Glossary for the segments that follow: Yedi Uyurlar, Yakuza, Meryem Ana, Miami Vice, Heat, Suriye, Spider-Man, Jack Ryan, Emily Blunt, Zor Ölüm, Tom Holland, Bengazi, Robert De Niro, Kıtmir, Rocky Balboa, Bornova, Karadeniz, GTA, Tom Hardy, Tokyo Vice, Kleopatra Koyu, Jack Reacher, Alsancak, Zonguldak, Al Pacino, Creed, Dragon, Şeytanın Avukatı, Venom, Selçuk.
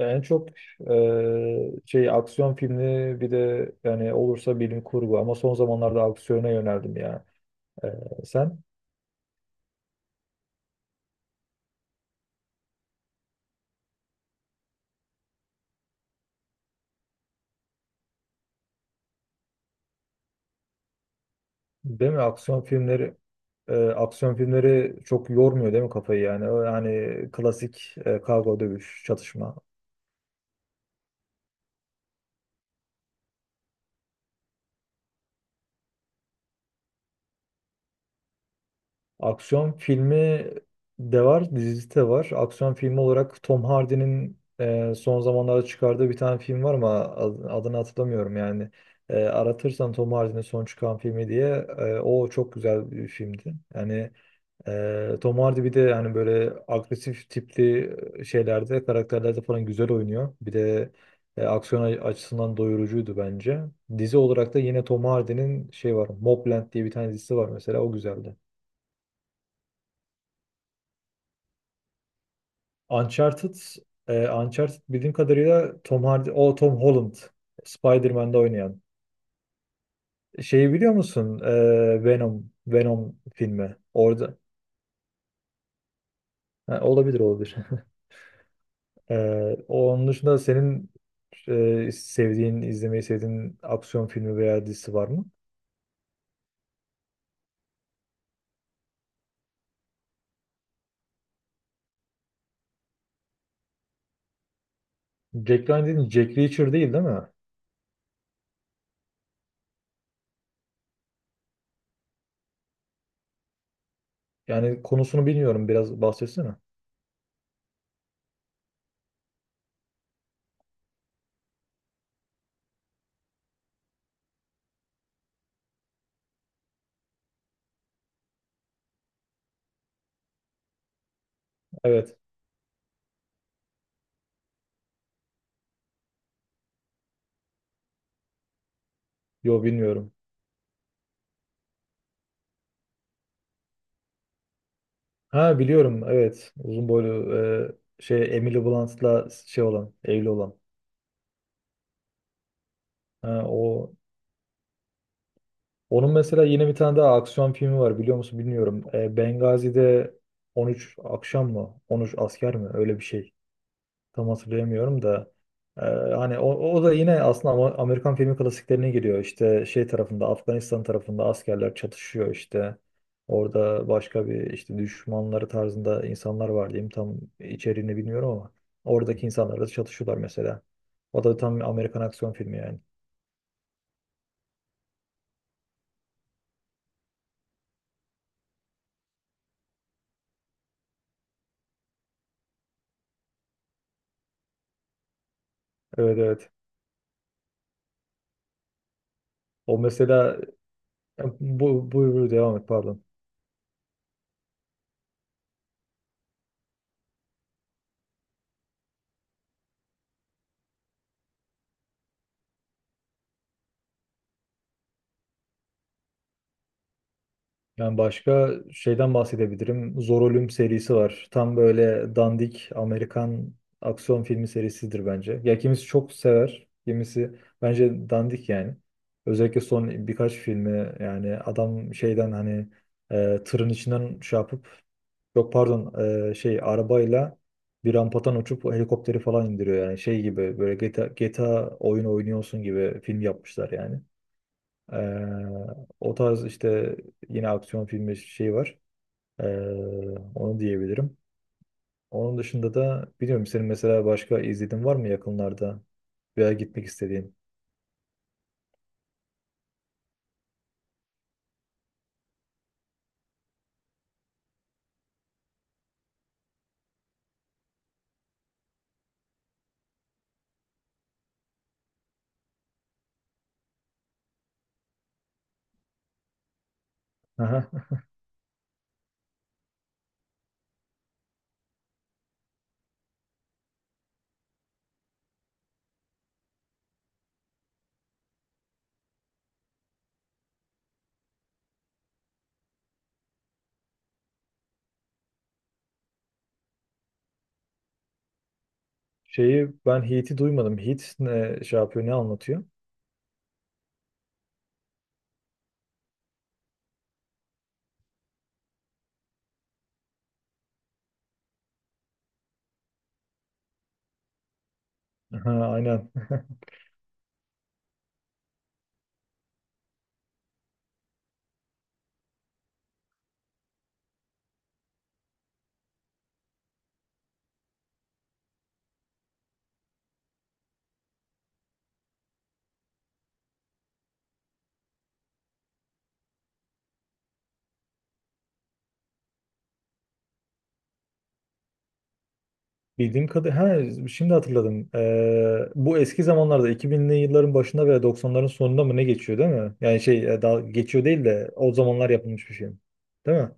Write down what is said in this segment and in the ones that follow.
Yani en çok şey aksiyon filmi bir de yani olursa bilim kurgu ama son zamanlarda aksiyona yöneldim ya. Eee, sen, değil mi? Aksiyon filmleri çok yormuyor değil mi kafayı yani? O yani klasik, kavga dövüş çatışma. Aksiyon filmi de var, dizisi de var. Aksiyon filmi olarak Tom Hardy'nin son zamanlarda çıkardığı bir tane film var ama adını hatırlamıyorum yani. Aratırsan Tom Hardy'nin son çıkan filmi diye, o çok güzel bir filmdi. Yani Tom Hardy bir de yani böyle agresif tipli, şeylerde, karakterlerde falan güzel oynuyor. Bir de aksiyon açısından doyurucuydu bence. Dizi olarak da yine Tom Hardy'nin şey var, Mobland diye bir tane dizisi var mesela, o güzeldi. Uncharted, Uncharted bildiğim kadarıyla Tom Hardy, o Tom Holland, Spider-Man'de oynayan. Şeyi biliyor musun? Venom filmi. Orada. Ha, olabilir, olabilir. E, Onun dışında senin, sevdiğin, izlemeyi sevdiğin aksiyon filmi veya dizisi var mı? Jack Ryan dedin, Jack Reacher değil, değil mi? Yani konusunu bilmiyorum. Biraz bahsetsene. Evet. Yo, bilmiyorum. Ha, biliyorum. Evet. Uzun boylu, şey Emily Blunt'la şey olan, evli olan. Ha, o onun mesela yine bir tane daha aksiyon filmi var, biliyor musun bilmiyorum. Bengazi'de 13 akşam mı? 13 asker mi? Öyle bir şey. Tam hatırlayamıyorum da. E, Hani o, da yine aslında Amerikan filmi klasiklerine giriyor. İşte şey tarafında, Afganistan tarafında askerler çatışıyor işte. Orada başka bir işte düşmanları tarzında insanlar var diyeyim. Tam içeriğini bilmiyorum ama oradaki insanlarla çatışıyorlar mesela. O da tam Amerikan aksiyon filmi yani. Evet, evet. O mesela, ya, buyur buyur devam et, pardon. Yani başka şeyden bahsedebilirim. Zor Ölüm serisi var. Tam böyle dandik Amerikan aksiyon filmi serisidir bence. Ya kimisi çok sever, kimisi bence dandik yani. Özellikle son birkaç filmi, yani adam şeyden, hani tırın içinden şey yapıp, yok pardon, şey arabayla bir rampadan uçup helikopteri falan indiriyor yani, şey gibi böyle GTA, GTA oyun oynuyorsun gibi film yapmışlar yani. Ee, O tarz işte yine aksiyon filmi şey var. Ee, Onu diyebilirim. Onun dışında da biliyorum, senin mesela başka izlediğin var mı yakınlarda veya gitmek istediğin? Aha. Şeyi, ben Heat'i duymadım. Heat ne şey yapıyor, ne anlatıyor? Aha, aynen. Bildiğim kadarıyla, ha şimdi hatırladım. Bu eski zamanlarda 2000'li yılların başında veya 90'ların sonunda mı ne geçiyor değil mi? Yani şey, daha geçiyor değil de o zamanlar yapılmış bir şey. Değil mi?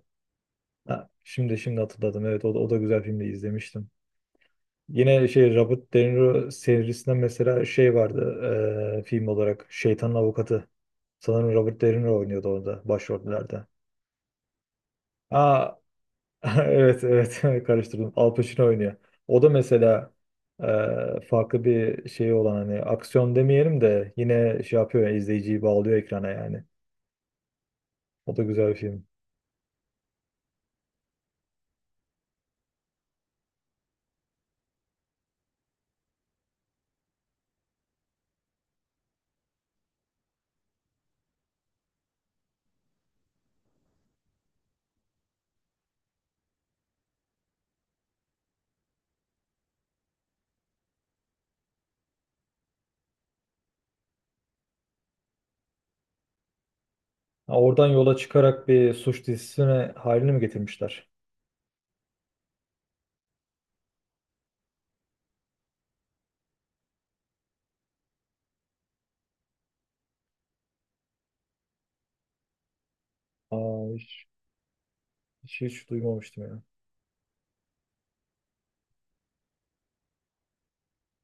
Ha, şimdi hatırladım. Evet, o da güzel filmdi, izlemiştim. Yine şey Robert De Niro serisinden mesela şey vardı, film olarak Şeytanın Avukatı. Sanırım Robert De Niro oynuyordu orada başrollerde. Aa, evet, evet, karıştırdım. Al Pacino oynuyor. O da mesela, e, farklı bir şey olan, hani aksiyon demeyelim de yine şey yapıyor ya, izleyiciyi bağlıyor ekrana yani. O da güzel bir film. Ha, oradan yola çıkarak bir suç dizisine halini mi getirmişler? Aa, hiç, hiç, hiç duymamıştım ya.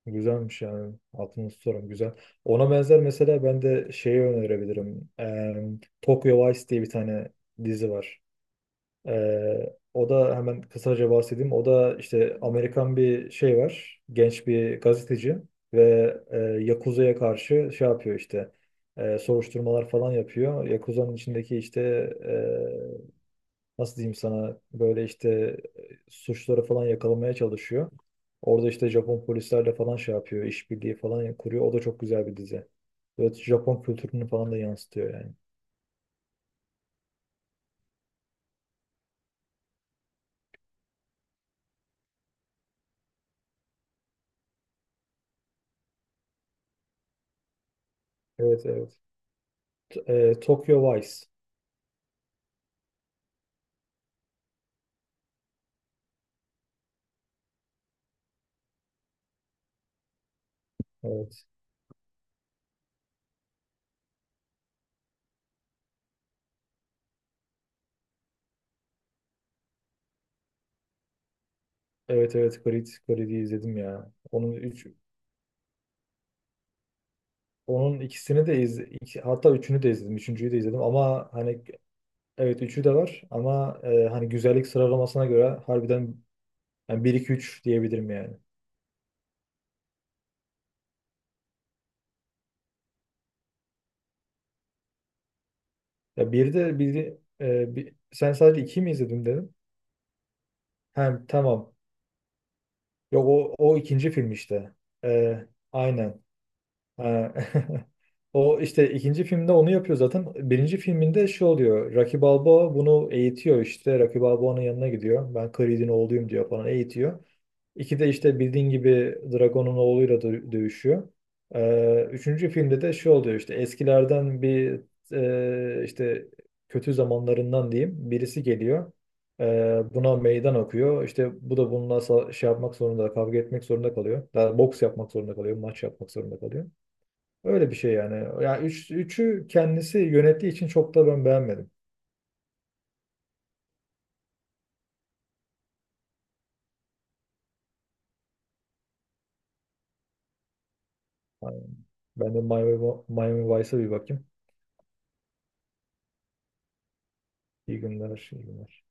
Güzelmiş yani. Altını tutarım güzel. Ona benzer, mesela ben de şeyi önerebilirim. Tokyo Vice diye bir tane dizi var. O da hemen kısaca bahsedeyim. O da işte Amerikan bir şey var. Genç bir gazeteci ve Yakuza'ya karşı şey yapıyor işte. Soruşturmalar falan yapıyor. Yakuza'nın içindeki işte, e, nasıl diyeyim sana, böyle işte suçları falan yakalamaya çalışıyor. Orada işte Japon polislerle falan şey yapıyor, işbirliği falan kuruyor. O da çok güzel bir dizi. Evet, Japon kültürünü falan da yansıtıyor yani. Evet, evet. Tokyo Vice. Evet. Evet, evet, Creed, Creed'i izledim ya. Onun ikisini de hatta üçünü de izledim. Üçüncüyü de izledim ama hani evet üçü de var ama hani güzellik sıralamasına göre harbiden yani 1 2 3 diyebilirim yani. Ya bir de sen sadece 2 mi izledin dedim. Hem tamam. Yok, o ikinci film işte. E, aynen. Ha. O işte ikinci filmde onu yapıyor zaten. Birinci filminde şu oluyor. Rocky Balboa bunu eğitiyor işte. Rocky Balboa'nın yanına gidiyor. Ben Creed'in oğluyum diyor falan, eğitiyor. İki de işte bildiğin gibi Dragon'un oğluyla dövüşüyor. Üçüncü filmde de şu oluyor, işte eskilerden bir, işte kötü zamanlarından diyeyim birisi geliyor. Buna meydan okuyor. İşte bu da bununla şey yapmak zorunda, kavga etmek zorunda kalıyor. Daha boks yapmak zorunda kalıyor, maç yapmak zorunda kalıyor. Öyle bir şey yani. Yani üçü kendisi yönettiği için çok da ben beğenmedim. Yani ben de Miami Vice'a bir bakayım. İyi günler, iyi günler.